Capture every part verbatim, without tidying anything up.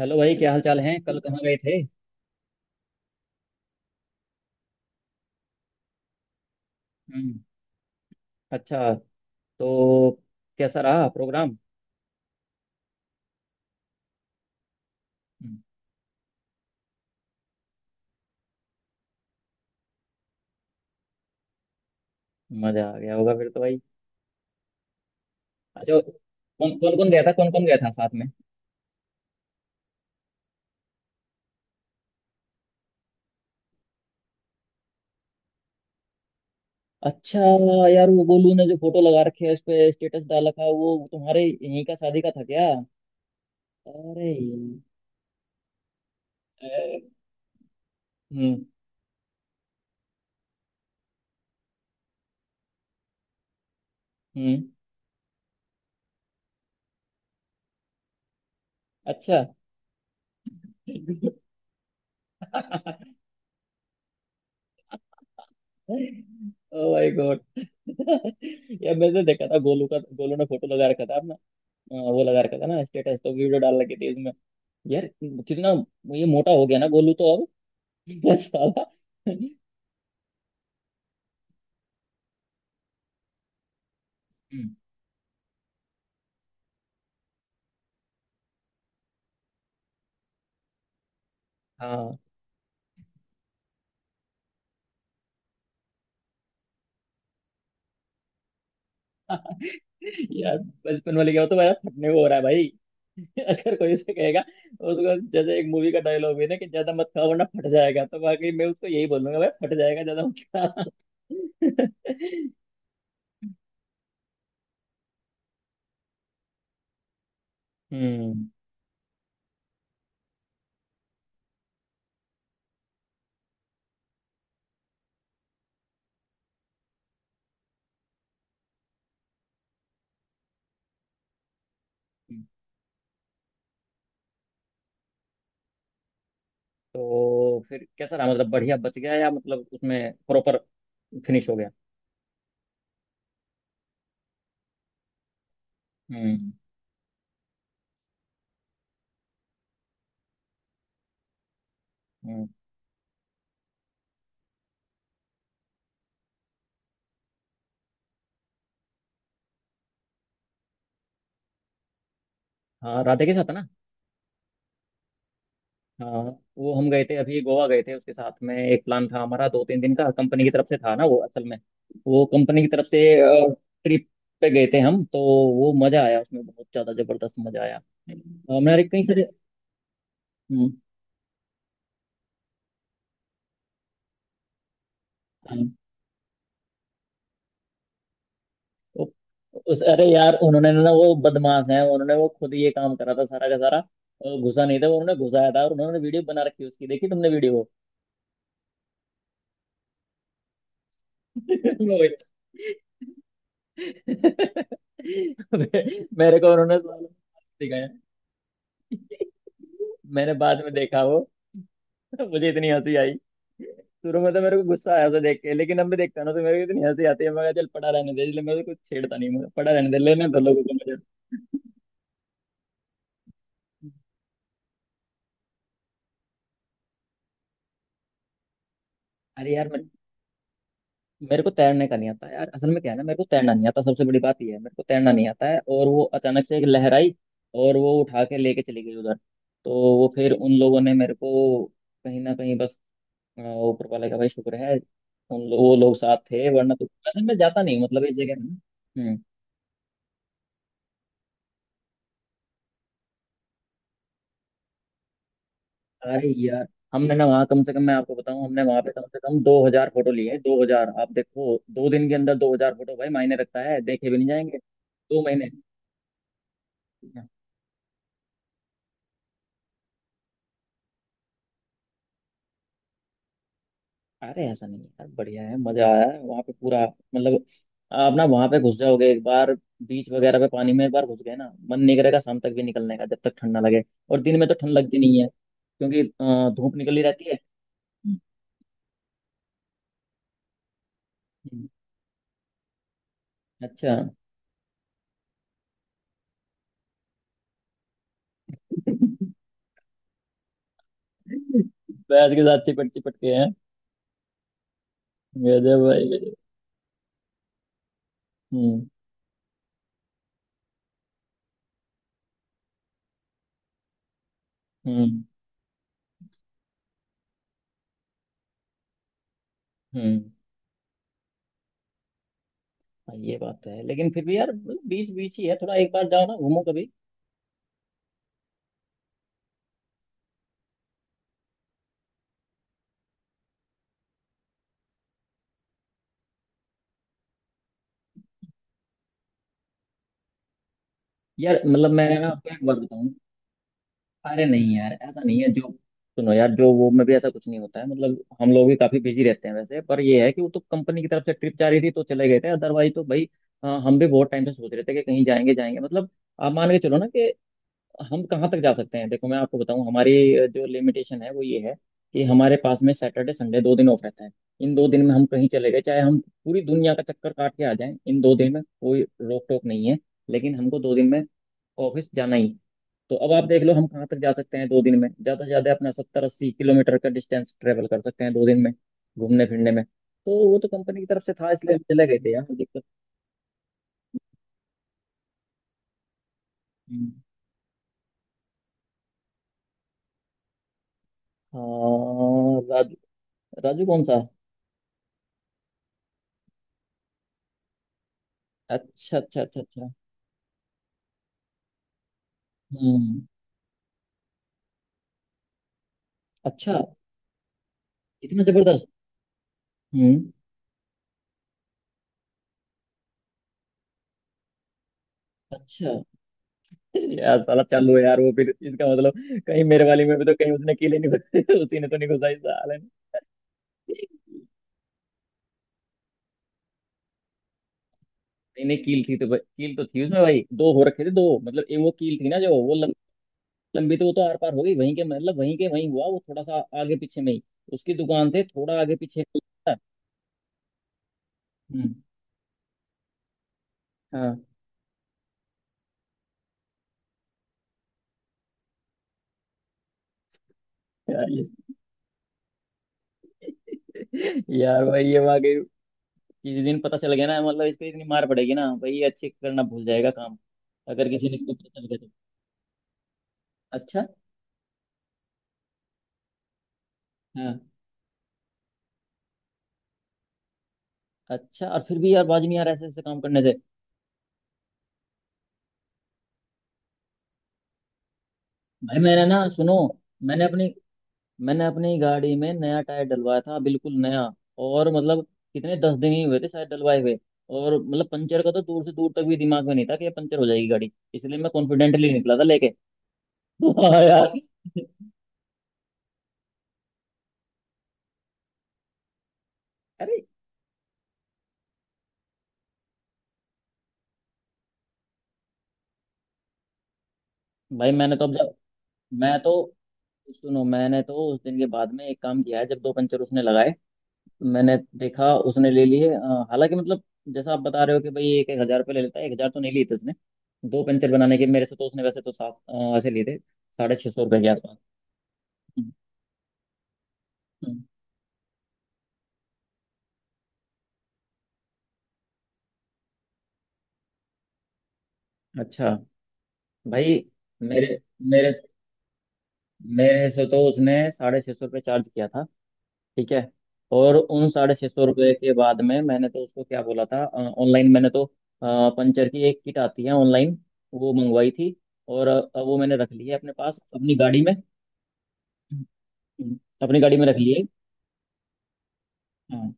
Hello भाई, क्या हाल चाल है? कल कहाँ गए थे? हम्म। अच्छा। तो कैसा रहा प्रोग्राम? हम्म, मजा आ गया होगा फिर तो, भाई। अच्छा, कौन कौन कौन गया था कौन कौन गया था साथ में? अच्छा, यार वो गोलू ने जो फोटो लगा रखी है, उस पे स्टेटस डाल रखा है, वो तुम्हारे यहीं का शादी का था क्या? अरे यार। अ, हम्म। हम्म। अच्छा। ओ माय गॉड। यार, मैंने देखा था गोलू का, गोलू ने फोटो लगा रखा था अपना। अ, वो लगा रखा था ना स्टेटस, तो वीडियो डाल रखी थी उसमें। यार कितना ये मोटा हो गया ना गोलू तो अब। साला। हम्म, हाँ। यार, बचपन वाले क्या होता है? मेरा थकने को हो रहा है, भाई। अगर कोई उसे कहेगा, उसको, जैसे एक मूवी का डायलॉग है ना कि ज्यादा मत खाओ वरना फट जाएगा, तो वाकई मैं उसको यही बोलूंगा, भाई फट जाएगा, ज्यादा मत खा। हम्म। हम्म। तो फिर कैसा रहा? मतलब बढ़िया बच गया या मतलब उसमें प्रॉपर फिनिश हो गया? हम्म। हम्म। हाँ, राधे के साथ है ना। हाँ। वो हम गए थे, अभी गोवा गए थे उसके साथ में। एक प्लान था हमारा दो तीन दिन का, कंपनी की तरफ से था ना वो असल में। वो कंपनी की तरफ से ट्रिप पे गए थे हम तो। वो मजा आया उसमें, बहुत ज्यादा जबरदस्त मजा आया। अ, मेरे कई सारे। हम्म, हाँ। तो उस, अरे यार, उन्होंने ना, वो बदमाश है, उन्होंने वो खुद ये काम करा था सारा का सारा। अ, घुसा नहीं था वो, उन्होंने घुसाया था, और उन्होंने वीडियो बना रखी उसकी। देखी तुमने वीडियो? मैं वही- मेरे को उन्होंने, मैंने बाद में देखा वो। मुझे इतनी हंसी आई। शुरू में तो मेरे को गुस्सा आया उसे देख के, लेकिन अब मैं देखता हूं ना तो मेरे को इतनी हंसी आती है। मैं कहा, चल पड़ा रहने दे, इसलिए मैं कुछ छेड़ता नहीं, मुझे पड़ा रहने दे, लेने दो लोगों को मुझे। अरे यार, मैं मेरे को तैरने का नहीं आता यार। असल में क्या है ना, मेरे को तैरना नहीं आता, सबसे बड़ी बात ये है, मेरे को तैरना नहीं आता है। और वो अचानक से एक लहर आई और वो उठा के लेके चली गई उधर। तो वो फिर उन लोगों ने मेरे को कहीं ना कहीं बस, अ, ऊपर वाले का भाई शुक्र है। उन लो, वो लोग साथ थे, वरना तो, अरे मैं जाता नहीं हूँ मतलब इस जगह में ना। हम्म। अरे यार, हमने ना वहाँ, कम से कम मैं आपको बताऊँ, हमने वहाँ पे कम से कम दो हजार फोटो लिए हैं। दो हजार! आप देखो दो दिन के अंदर दो हजार फोटो, भाई मायने रखता है, देखे भी नहीं जाएंगे। दो महीने। अरे ऐसा नहीं है यार, बढ़िया है, मजा आया है वहाँ पे पूरा। मतलब आप ना वहाँ पे घुस जाओगे एक बार, बीच वगैरह पे पानी में एक बार घुस गए ना, मन नहीं करेगा शाम तक भी निकलने का, जब तक ठंड ना लगे। और दिन में तो ठंड लगती नहीं है क्योंकि अ, धूप निकली रहती है। हम्म, अच्छा। बैद के साथ चिपट चिपट के हैं। गजब भाई गजब। हम्म। हम्म। हम्म। हाँ, ये बात तो है, लेकिन फिर भी यार बीच बीच ही है। थोड़ा एक बार जाओ ना, घूमो कभी। यार मतलब मैं ना आपको एक बार बताऊं। अरे नहीं यार, ऐसा नहीं है जो, सुनो यार, जो वो में भी ऐसा कुछ नहीं होता है, मतलब हम लोग भी काफी बिजी रहते हैं वैसे। पर ये है कि वो तो कंपनी की तरफ से ट्रिप जा रही थी तो चले गए थे, अदरवाइज तो भाई, हाँ, हम भी बहुत टाइम से सोच रहे थे कि कहीं जाएंगे जाएंगे। मतलब आप मान के चलो ना कि हम कहाँ तक जा सकते हैं। देखो मैं आपको बताऊं, हमारी अ, जो लिमिटेशन है वो ये है कि हमारे पास में सैटरडे संडे दो दिन ऑफ रहता है। इन दो दिन में हम कहीं चले गए, चाहे हम पूरी दुनिया का चक्कर काट के आ जाएं, इन दो दिन में कोई रोक टोक नहीं है, लेकिन हमको दो दिन में ऑफिस जाना ही है। तो अब आप देख लो हम कहाँ तक जा सकते हैं दो दिन में। ज़्यादा से ज़्यादा अपना सत्तर अस्सी किलोमीटर का डिस्टेंस ट्रेवल कर सकते हैं दो दिन में घूमने फिरने में। तो वो तो कंपनी की तरफ से था, इसलिए हम चले गए थे यार, दिक्कत। हम्म। हाँ राजू। राजू कौन सा? अच्छा अच्छा अच्छा अच्छा। हम्म। अच्छा, इतना जबरदस्त! हम्म। अच्छा, यार साला चालू है यार वो। फिर इसका मतलब कहीं मेरे वाली में भी तो कहीं उसने कील ही नहीं घुस- उसी ने तो नहीं घुसाई साले ने? नहीं नहीं, कील थी तो भाई, कील तो थी उसमें भाई। दो हो रखे थे, दो, मतलब एक वो कील थी ना जो वो लम- लंबी, तो वो तो आर पार हो गई वहीं के, मतलब वहीं के वहीं हुआ वो, थोड़ा सा आगे पीछे में ही, उसकी दुकान से थोड़ा आगे पीछे में ही था। हम्म। हाँ यार ये- यार भाई, ये वाकई किसी दिन पता चल गया ना, मतलब इसको इतनी मार पड़ेगी ना भाई, ये अच्छे करना भूल जाएगा काम। अगर किसी ने इसको पता चल गया तो। अच्छा। हाँ। अच्छा, और फिर भी यार बाज नहीं आ रहा ऐसे ऐसे काम करने से? भाई मैंने ना, सुनो, मैंने अपनी, मैंने अपनी गाड़ी में नया टायर डलवाया था, बिल्कुल नया। और मतलब कितने, दस दिन ही हुए थे शायद डलवाए हुए। और मतलब पंचर का तो दूर से दूर तक भी दिमाग में नहीं था कि ये पंचर हो जाएगी गाड़ी, इसलिए मैं कॉन्फिडेंटली निकला था लेके। वाह यार। अरे भाई, मैंने तो, अब जब, मैं तो सुनो, मैंने तो उस दिन के बाद में एक काम किया है, जब दो पंचर उसने लगाए, मैंने देखा, उसने ले लिए। अ, हालांकि मतलब, जैसा आप बता रहे हो कि भाई एक एक हजार रुपये ले लेता है, एक हजार तो नहीं लिए थे उसने दो पेंसिल बनाने के मेरे से, तो उसने वैसे तो सात, अ, ऐसे लिए थे, साढ़े छः सौ रुपये के आसपास। हम्म। हम्म। अच्छा भाई। मेरे मेरे मेरे से तो उसने साढ़े छः सौ रुपये चार्ज किया था, ठीक है। और उन साढ़े छः सौ रुपये के बाद में मैंने तो उसको क्या बोला, था ऑनलाइन, मैंने तो, अ, पंचर की एक किट आती है ऑनलाइन, वो मंगवाई थी, और अ, वो मैंने रख ली है अपने पास, अपनी गाड़ी में। हम्म, अपनी गाड़ी में रख लिए। हाँ।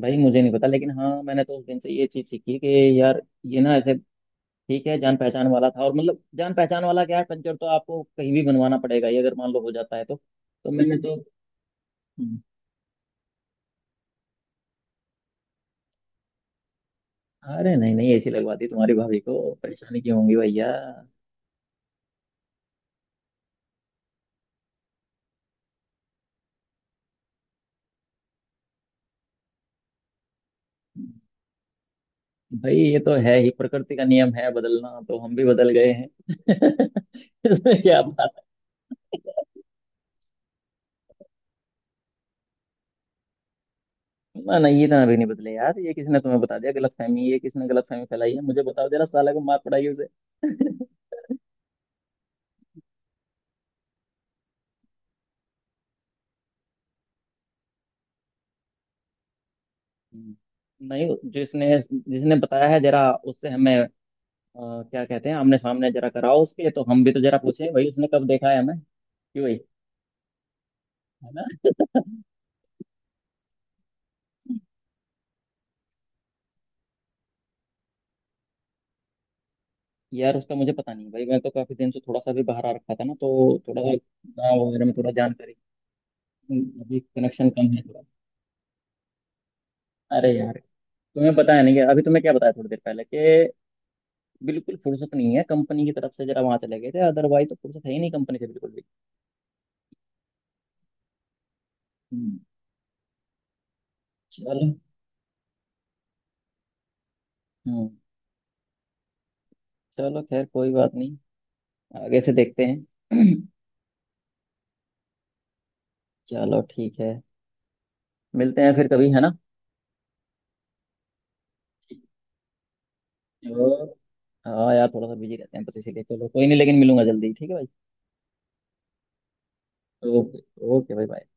भाई मुझे नहीं पता, लेकिन हाँ, मैंने तो उस दिन से ये चीज़ सीखी कि यार ये ना ऐसे, ठीक है जान पहचान वाला था, और मतलब जान पहचान वाला क्या है? पंचर तो आपको कहीं भी बनवाना पड़ेगा, ये अगर मान लो हो जाता है तो तो मैंने तो, हम्म, अरे नहीं नहीं, ऐसी लगवा दी तुम्हारी भाभी को, परेशानी क्यों होंगी भैया? भाई ये तो है ही, प्रकृति का नियम है बदलना, तो हम भी बदल गए हैं। इसमें क्या? ना, नहीं ये ना भी नहीं बदले यार, ये किसी ने तुम्हें बता दिया गलतफहमी, ये किसी ने गलतफहमी फैलाई है, मुझे बताओ जरा साला को, मार पड़ाई उसे। हम्म। नहीं, जिसने जिसने बताया है, जरा उससे हमें, अ, क्या कहते हैं, आमने सामने जरा कराओ उसके, तो हम भी तो जरा पूछे भाई उसने कब देखा है हमें कि भाई, है ना? यार उसका मुझे पता नहीं भाई, मैं तो काफी दिन से थोड़ा सा भी बाहर आ रखा था ना, तो थोड़ा सा गाँव वगैरह में थोड़ा जानकारी, अभी कनेक्शन कम है थोड़ा। अरे यार, तुम्हें पता है नहीं कि- अभी तुम्हें क्या बताया थोड़ी देर पहले कि बिल्कुल फुर्सत नहीं है, कंपनी की तरफ से जरा वहां चले गए थे, अदरवाइज तो फुर्सत है ही नहीं कंपनी से बिल्कुल भी। हम्म, चलो। हम्म। चलो, खैर कोई बात नहीं, आगे से देखते हैं। चलो ठीक है, मिलते हैं फिर कभी, है ना? और, हाँ यार, थोड़ा सा बिजी रहते हैं बस, इसीलिए, चलो कोई नहीं, लेकिन मिलूंगा जल्दी, ठीक है भाई। ओके। ओके भाई, बाय।